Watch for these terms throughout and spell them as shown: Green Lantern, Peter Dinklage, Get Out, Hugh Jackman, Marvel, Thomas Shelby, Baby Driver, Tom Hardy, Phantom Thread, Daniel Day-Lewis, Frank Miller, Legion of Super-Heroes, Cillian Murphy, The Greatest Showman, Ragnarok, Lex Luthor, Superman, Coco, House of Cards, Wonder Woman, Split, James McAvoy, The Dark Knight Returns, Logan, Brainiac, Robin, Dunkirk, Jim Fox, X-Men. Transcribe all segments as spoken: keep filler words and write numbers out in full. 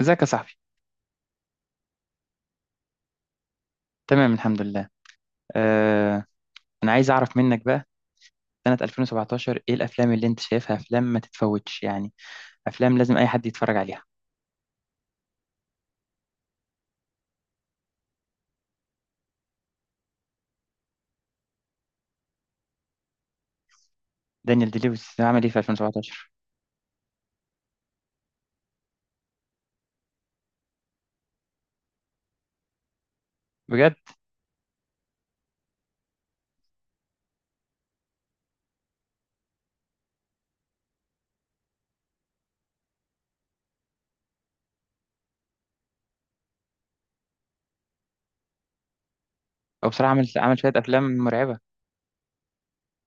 ازيك يا صاحبي؟ تمام الحمد لله. آه، انا عايز اعرف منك بقى، سنة ألفين وسبعتاشر ايه الافلام اللي انت شايفها، افلام ما تتفوتش يعني، افلام لازم اي حد يتفرج عليها. دانيال دي لويس عمل ايه في ألفين وسبعتاشر؟ بجد؟ هو بصراحة عمل عمل شوية افلام مرعبة.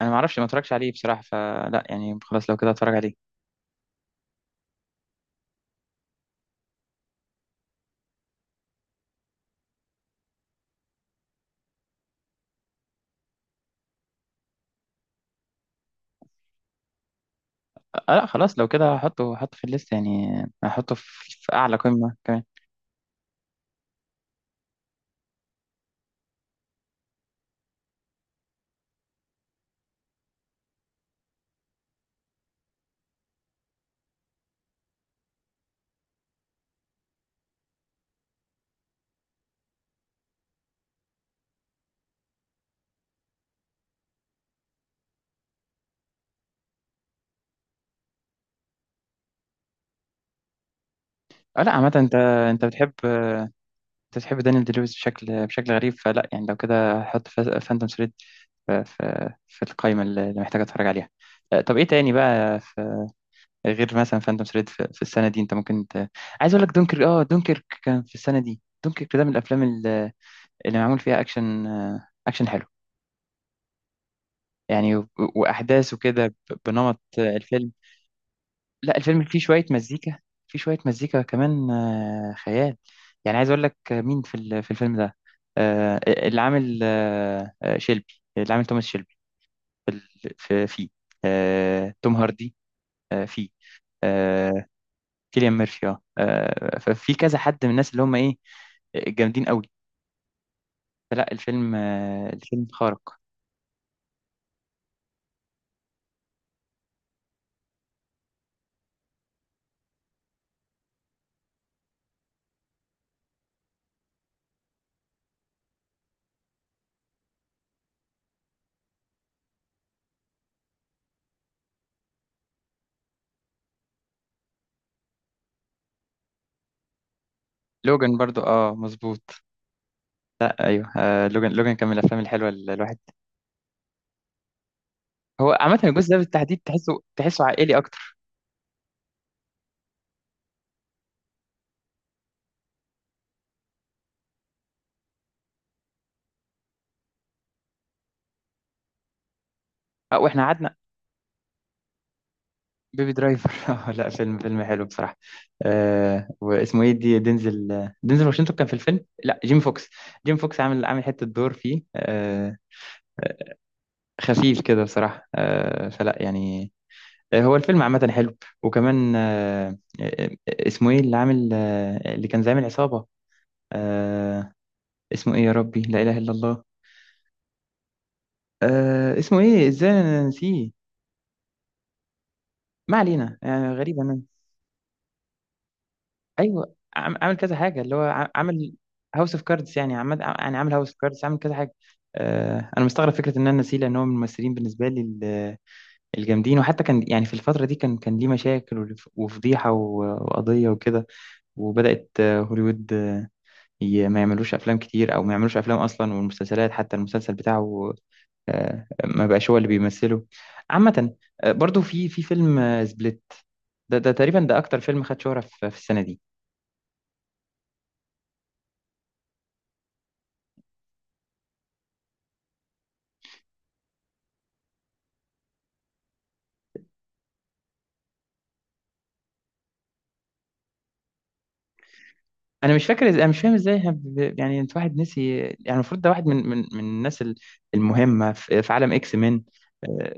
انا ما اعرفش، ما اتفرجش عليه بصراحة، فلا يعني خلاص لو كده اتفرج عليه. آه لا خلاص، لو كده هحطه هحطه في الليست يعني، هحطه في, في اعلى قمة كمان. آه لا عامة انت، انت بتحب انت تحب دانيال دي لويس بشكل بشكل غريب، فلا يعني لو كده حط فانتوم ثريد في في في القائمة اللي اللي محتاج اتفرج عليها. آه، طب ايه تاني بقى، في غير مثلا فانتوم ثريد في, في السنة دي؟ انت ممكن ت... عايز اقول لك دونكر، اه دونكر كان في السنة دي، دونكر ده من الافلام ال- اللي معمول فيها اكشن، آه، اكشن حلو يعني، و- واحداث وكده، ب- بنمط الفيلم. لا الفيلم فيه شوية مزيكا، فيه شوية مزيكا كمان، آه، خيال. يعني عايز أقول لك مين في ال- في الفيلم ده. آه، اللي عامل آه، آه، شيلبي، اللي عامل توماس شيلبي في ال- في- فيه آه، توم هاردي. آه، فيه آه، كيليان ميرفي. اه آه، ففي كذا حد من الناس اللي هم ايه، جامدين قوي. فلا الفيلم، آه، الفيلم خارق. لوجان برضو اه مظبوط، ايوه. آه لوجان لوجان كان من الافلام الحلوه ال- الواحد. هو عامه الجزء ده بالتحديد تحسه تحسه عائلي اكتر. آه، واحنا قعدنا بيبي درايفر. لا فيلم فيلم حلو بصراحة. آه واسمه ايه دي، دينزل دينزل واشنطن كان في الفيلم، لا جيم فوكس. جيم فوكس عامل عامل حتة دور فيه، آه خفيف كده بصراحة، آه فلا يعني. آه، هو الفيلم عامة حلو. وكمان آه آه، اسمه ايه اللي عامل، آه اللي كان زعيم العصابة. آه اسمه ايه يا ربي، لا إله إلا الله، آه اسمه ايه، ازاي أنا نسيه؟ ما علينا يعني، غريبة. ايوه، عم- عامل كذا حاجه، اللي هو ع- عامل هاوس اوف كاردز يعني، عمال يعني عامل هاوس اوف كاردز، عامل كذا حاجه. آه انا مستغرب فكره ان انا نسيه، لان هو من الممثلين بالنسبه لي ال- الجامدين. وحتى كان يعني في الفتره دي كان كان ليه مشاكل، ولف- وفضيحه، و- وقضيه وكده. وبدات آه، هوليوود، آه، ي- ما يعملوش افلام كتير، او ما يعملوش افلام اصلا. والمسلسلات، حتى المسلسل بتاعه، آه، ما بقاش هو اللي بيمثله عامه. آه، برضو في في فيلم سبليت. ده ده تقريبا ده اكتر فيلم خد شهره في في السنه دي. انا مش فاكر، إز- انا مش فاهم ازاي إحنا، ب- يعني انت واحد نسي يعني، المفروض ده واحد من من من الناس ال- المهمه في في عالم اكس مان، آه،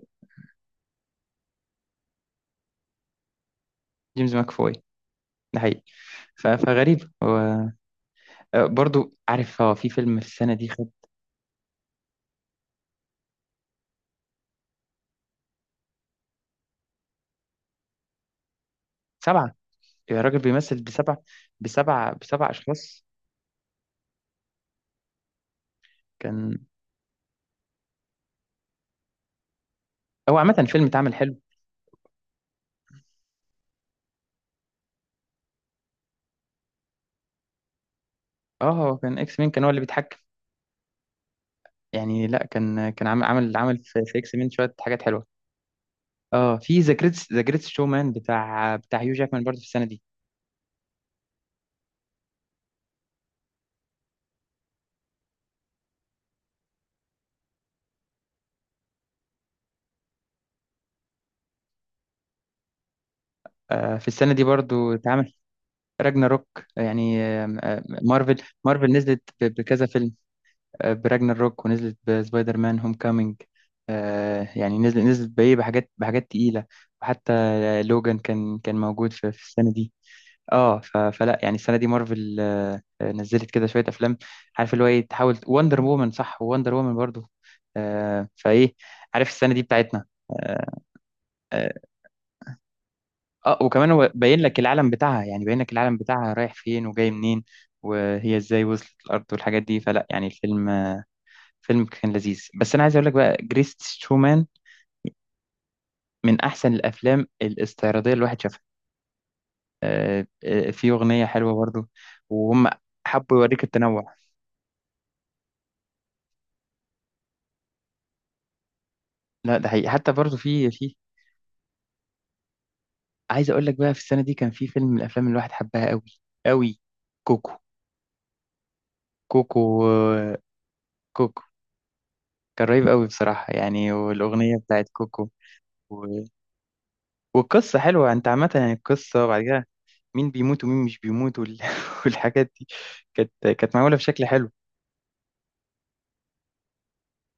جيمس ماكفوي. ده حقيقي. ف- فغريب هو. آه، برضو عارف هو في فيلم في السنه دي خد سبعه. يا راجل بيمثل بسبع بسبع بسبع اشخاص. كان هو عامه الفيلم اتعمل حلو. اه هو كان اكس مان، كان هو اللي بيتحكم. يعني لا كان كان عامل عامل عامل في, في اكس مان شويه حاجات حلوه. اه في ذا جريتس ذا جريتس شو مان، بتاع بتاع هيو جاكمان برضو في السنه دي. آه، في السنة دي برضو اتعمل راجنا روك يعني، آم، آم، مارفل. مارفل نزلت ب- بكذا فيلم، آه، براجنا روك ونزلت بسبايدر مان هوم كامينج. يعني نزلت نزلت بإيه، بحاجات بحاجات تقيلة. وحتى آه، لوجان كان كان موجود في في السنة دي. اه ف- فلا يعني السنة دي مارفل آه، آه، نزلت كده شوية أفلام. عارف اللي هو إيه، تحاول وندر وومن. صح؟ وندر وومن برضو. آه، فإيه، عارف السنة دي بتاعتنا. آه، آه، اه وكمان هو باين لك العالم بتاعها يعني، باين لك العالم بتاعها رايح فين وجاي منين، وهي ازاي وصلت الارض والحاجات دي. فلا يعني الفيلم، فيلم كان لذيذ. بس انا عايز اقول لك بقى جريس شومان، من احسن الافلام الاستعراضيه اللي الواحد شافها. آه، آه، في اغنيه حلوه برضو، وهم حبوا يوريك التنوع. لا ده حقيقي، حتى برضو في في عايز اقول لك بقى في السنه دي كان في فيلم من الافلام اللي الواحد حبها قوي قوي، كوكو. كوكو آه، كوكو كان رهيب قوي بصراحه يعني، والاغنيه بتاعت كوكو. والقصة حلوة انت، عامة يعني القصة، وبعد كده مين بيموت ومين مش بيموت وال... والحاجات دي كانت كانت معمولة بشكل حلو.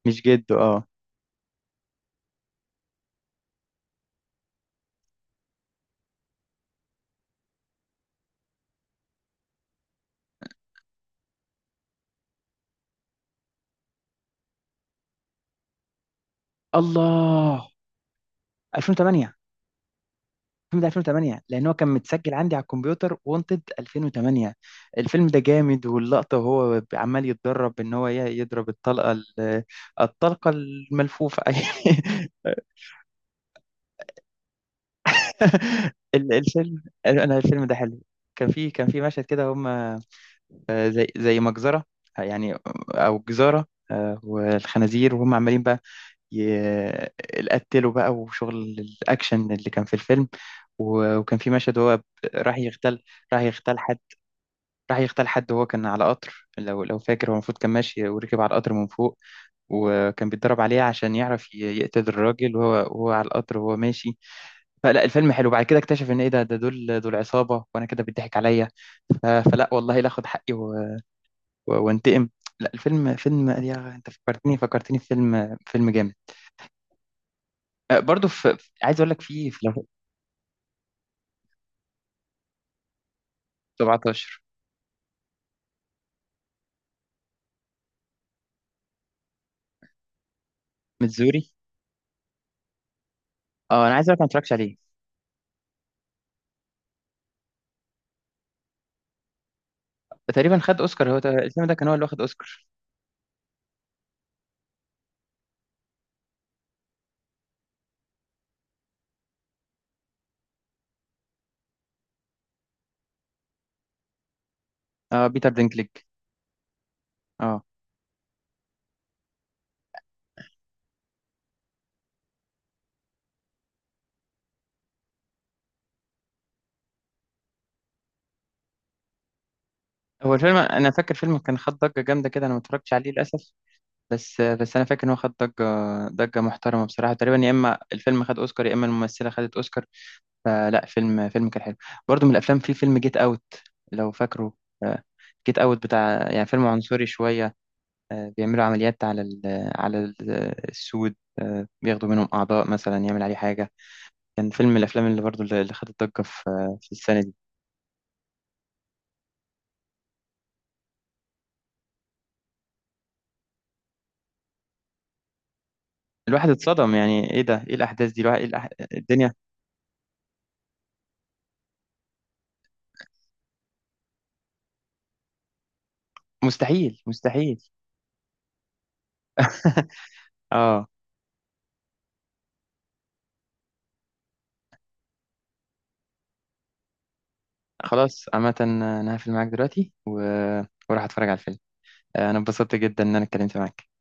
مش جد. اه الله. ألفين وثمانية. الفيلم ده ألفين وتمنية، لان هو كان متسجل عندي على الكمبيوتر، وانتد ألفين وثمانية. الفيلم ده جامد، واللقطة وهو عمال يتدرب ان هو ي- يضرب الطلقة ال- الطلقة الملفوفة. ال- الفيلم، انا الفيلم ده حلو. كان في كان في مشهد كده هم آه، زي زي مجزرة، آه، يعني أو جزارة، آه، والخنازير وهم عمالين بقى يقتلوا بقى، وشغل الأكشن اللي كان في الفيلم. و- وكان في مشهد هو ب- راح يغتال راح يغتال حد راح يغتال حد، وهو كان على قطر. لو لو فاكر، هو المفروض كان ماشي وركب على القطر من فوق، وكان بيتدرب عليه عشان يعرف ي- يقتل الراجل وهو وهو على القطر وهو ماشي. فلا الفيلم حلو، بعد كده اكتشف ان ايه ده ده دول دول عصابة، وانا كده بيضحك عليا. ف- فلا والله لا اخد حقي و- وانتقم. لا الفيلم فيلم، يا انت فكرتني فكرتني في فيلم فيلم جامد. آه، برضو في في- عايز اقول لك في في سبعتاشر متزوري. اه انا عايز اقول لك ما اتفرجتش عليه. تقريبا خد اوسكار، هو ده- الفيلم ده كان هو اللي واخد اوسكار. اه بيتر دينكليج. اه هو الفيلم، انا فاكر فيلم كان خد ضجه جامده كده، انا ما اتفرجتش عليه للاسف، بس آه، بس انا فاكر ان هو خد ضجه، ضجه محترمه بصراحه. تقريبا يا اما الفيلم خد اوسكار، يا اما الممثله خدت اوسكار. فلا فيلم فيلم كان حلو. برضو من الافلام، في فيلم جيت اوت، لو فاكره. جيت اوت بتاع يعني فيلم عنصري شويه، آه، بيعملوا عمليات على ال على ال- السود، آه، بياخدوا منهم اعضاء مثلا يعمل عليه حاجه. كان فيلم من الافلام اللي برضو اللي اللي خدت ضجه في في السنه دي. الواحد اتصدم، يعني ايه ده؟ ايه الاحداث دي؟ الواحد إيه الأح... الدنيا. مستحيل مستحيل. اه خلاص، عامه انا هقفل معاك دلوقتي و... وراح اتفرج على الفيلم. آه، انا اتبسطت جدا ان انا اتكلمت معاك.